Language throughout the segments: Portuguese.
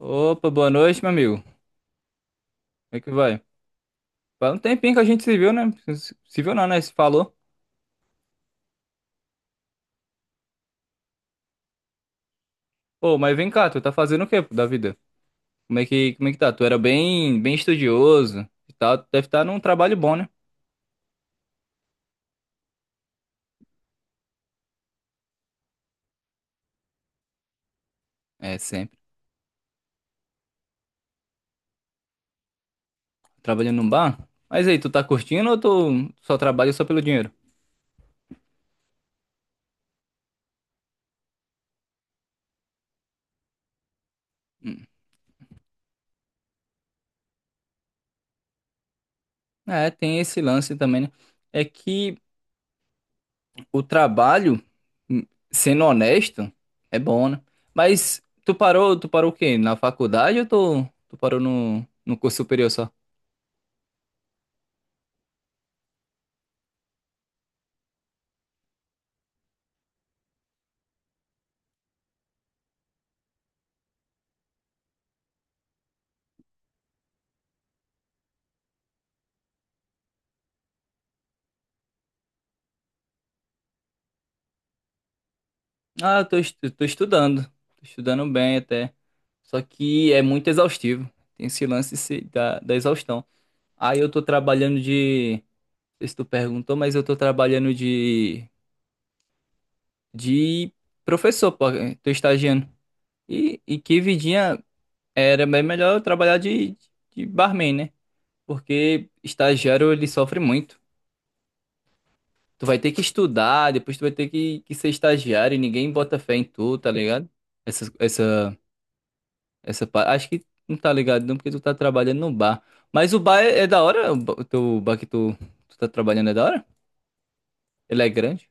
Opa, boa noite, meu amigo. Como é que vai? Faz um tempinho que a gente se viu, né? Se viu não, né? Se falou. Pô, mas vem cá, tu tá fazendo o quê da vida? Como é que tá? Tu era bem estudioso e tal. Tu deve estar num trabalho bom, né? É, sempre. Trabalhando num bar? Mas aí, tu tá curtindo ou tu só trabalha só pelo dinheiro? É, tem esse lance também, né? É que o trabalho, hum, sendo honesto, é bom, né? Mas tu parou o quê? Na faculdade ou tu parou no curso superior só? Ah, tô estudando. Tô estudando bem até. Só que é muito exaustivo. Tem esse lance da exaustão. Aí eu tô trabalhando de. Não sei se tu perguntou, mas eu tô trabalhando de. De professor, pô. Tô estagiando. E que vidinha era bem melhor eu trabalhar de barman, né? Porque estagiário ele sofre muito. Tu vai ter que estudar, depois tu vai ter que ser estagiário e ninguém bota fé em tu, tá ligado? Essa, essa Essa parte. Acho que não tá ligado não, porque tu tá trabalhando no bar. Mas o bar é da hora? O teu bar que tu tá trabalhando é da hora? Ele é grande?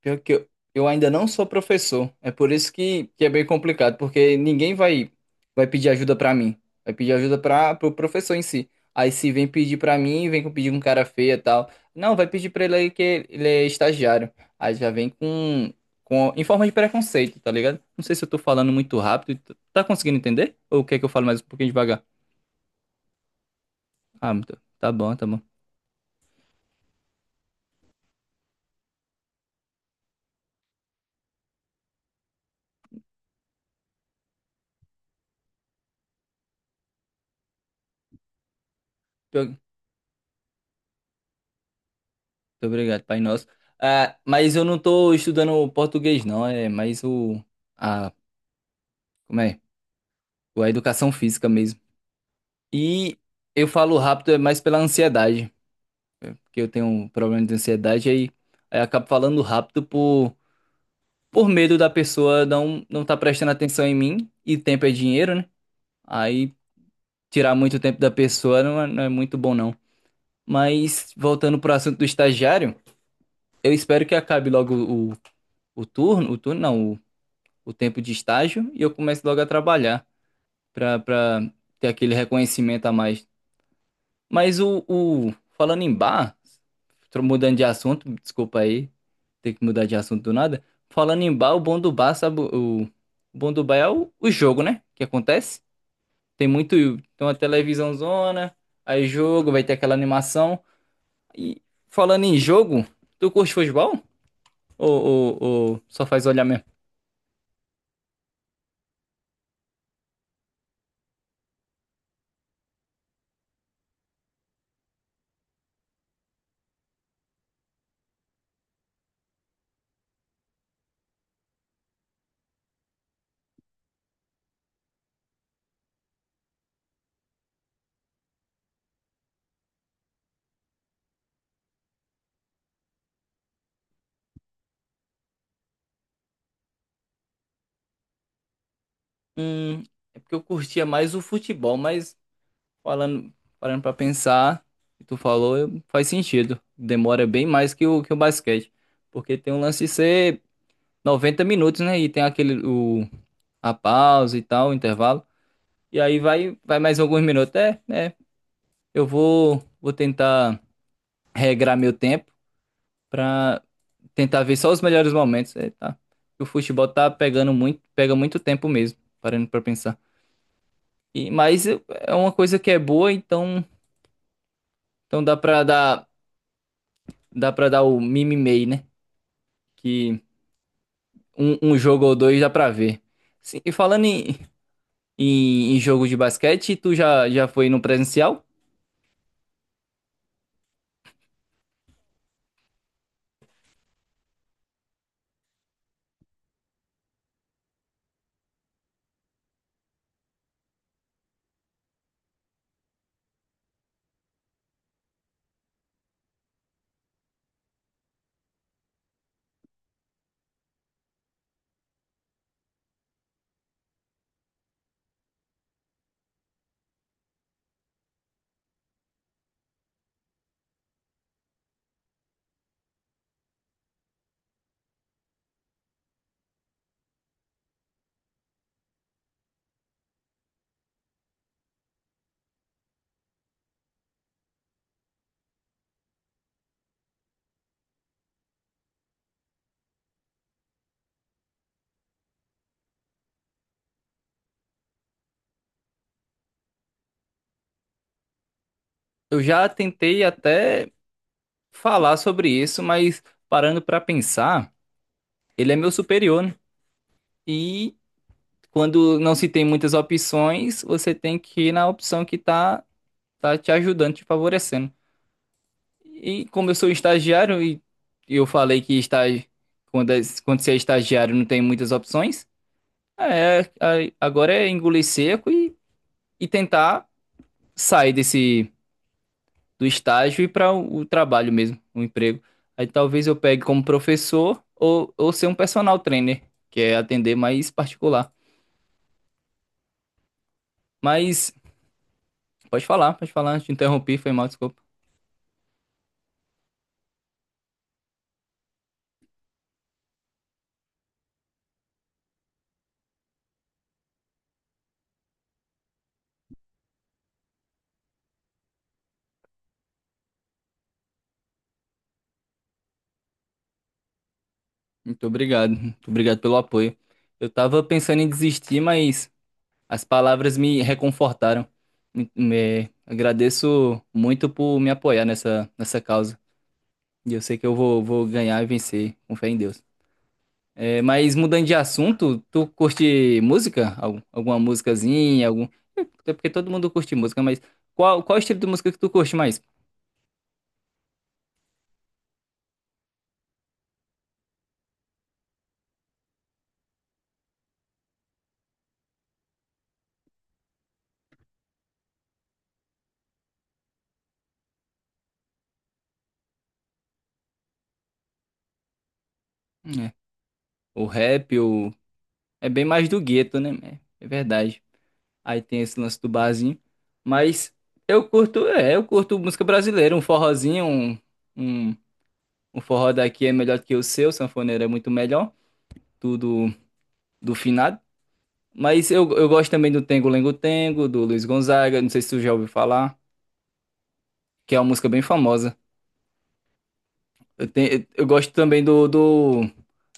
Pior que eu ainda não sou professor. É por isso que é bem complicado, porque ninguém vai pedir ajuda pra mim. Vai pedir ajuda para pro professor em si. Aí se vem pedir pra mim, vem com pedir com cara feia e tal. Não, vai pedir pra ele aí que ele é estagiário. Aí já vem com, em forma de preconceito, tá ligado? Não sei se eu tô falando muito rápido. Tá conseguindo entender? Ou quer que eu fale mais um pouquinho devagar? Ah, tá bom, tá bom. Muito obrigado, Pai Nosso. Ah, mas eu não tô estudando português, não. É mais o a Como é? A educação física mesmo. E eu falo rápido é mais pela ansiedade, porque eu tenho um problema de ansiedade, aí eu acabo falando rápido por medo da pessoa não estar prestando atenção em mim, e tempo é dinheiro, né? Aí tirar muito tempo da pessoa não é muito bom, não. Mas voltando pro assunto do estagiário, eu espero que acabe logo o, o turno não, o tempo de estágio, e eu comece logo a trabalhar, para ter aquele reconhecimento a mais. Mas falando em bar, tô mudando de assunto, desculpa aí, ter que mudar de assunto do nada. Falando em bar, o bom do bar, sabe, o bom do bar é o jogo, né? Que acontece. Tem uma televisão zona aí jogo, vai ter aquela animação. E falando em jogo, tu curte futebol? Ou, ou, ou só faz olhar mesmo? Hum, é porque eu curtia mais o futebol, mas Falando, parando pra pensar, que tu falou, faz sentido. Demora bem mais que o basquete. Porque tem um lance de ser 90 minutos, né? E tem a pausa e tal, o intervalo. E aí vai mais alguns minutos. É, é. Eu vou tentar regrar meu tempo pra tentar ver só os melhores momentos. É, tá. O futebol tá pegando muito, pega muito tempo mesmo, parando pra pensar. Mas é uma coisa que é boa, então, então dá pra dar. dá pra dar o mimimei, né? Que um jogo ou dois dá pra ver. Sim, e falando em jogo de basquete, tu já foi no presencial? Eu já tentei até falar sobre isso, mas parando pra pensar, ele é meu superior, né? E quando não se tem muitas opções, você tem que ir na opção tá te ajudando, te favorecendo. E como eu sou estagiário e eu falei que estágio, quando você é estagiário não tem muitas opções, É, agora é engolir seco e tentar sair desse do estágio e para o trabalho mesmo, o emprego. Aí talvez eu pegue como professor ou ser um personal trainer, que é atender mais particular. Mas pode falar, te interrompi, foi mal, desculpa. Muito obrigado pelo apoio. Eu tava pensando em desistir, mas as palavras me reconfortaram. Agradeço muito por me apoiar nessa causa. E eu sei que vou ganhar e vencer, com fé em Deus. É, mas mudando de assunto, tu curte música? Alguma musicazinha? Até porque todo mundo curte música, mas qual estilo de música que tu curte mais? É, o rap, é bem mais do gueto, né? É, é verdade. Aí tem esse lance do barzinho. Mas eu curto música brasileira, um forrozinho, um, um forró daqui é melhor que o seu, sanfoneiro é muito melhor, tudo do finado. Mas eu gosto também do Tengo Lengo Tengo, do Luiz Gonzaga, não sei se tu já ouviu falar, que é uma música bem famosa. Eu, tenho, eu gosto também do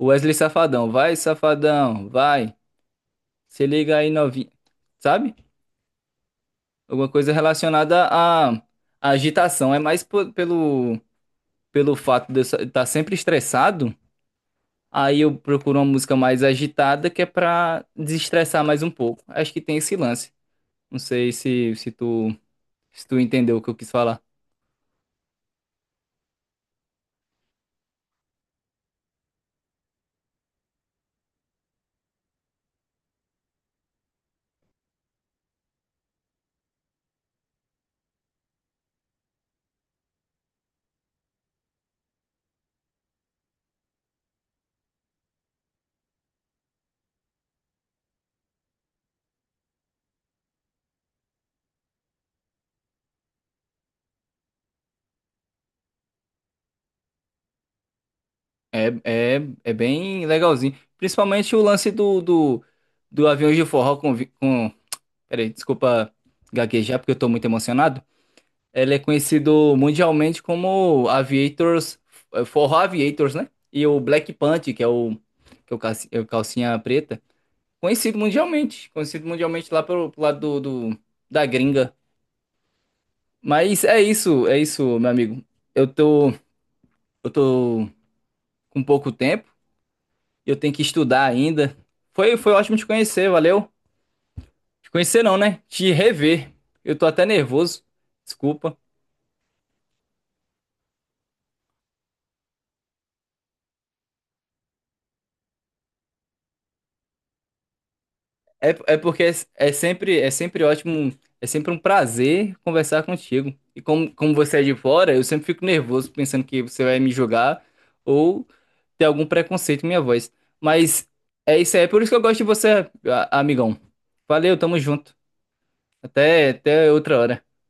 Wesley Safadão. Vai, Safadão, vai, se liga aí, novinho. Sabe? Alguma coisa relacionada à agitação. É mais pelo fato de eu estar sempre estressado, aí eu procuro uma música mais agitada, que é pra desestressar mais um pouco. Acho que tem esse lance. Não sei se tu entendeu o que eu quis falar. É, é, é bem legalzinho. Principalmente o lance do Aviões de Forró com. Peraí, desculpa gaguejar porque eu tô muito emocionado. Ele é conhecido mundialmente como Aviators, Forró Aviators, né? E o Black Panther, que é o calci- é o calcinha preta. Conhecido mundialmente. Conhecido mundialmente lá pro lado da gringa. Mas é isso, meu amigo. Eu tô, eu tô com pouco tempo. Eu tenho que estudar ainda. Foi ótimo te conhecer, valeu. Te conhecer não, né? Te rever. Eu tô até nervoso. Desculpa. É, é porque é sempre ótimo, é sempre um prazer conversar contigo. E como você é de fora, eu sempre fico nervoso pensando que você vai me julgar ou ter algum preconceito com minha voz. Mas é isso aí, é por isso que eu gosto de você, amigão. Valeu, tamo junto. Até, até outra hora.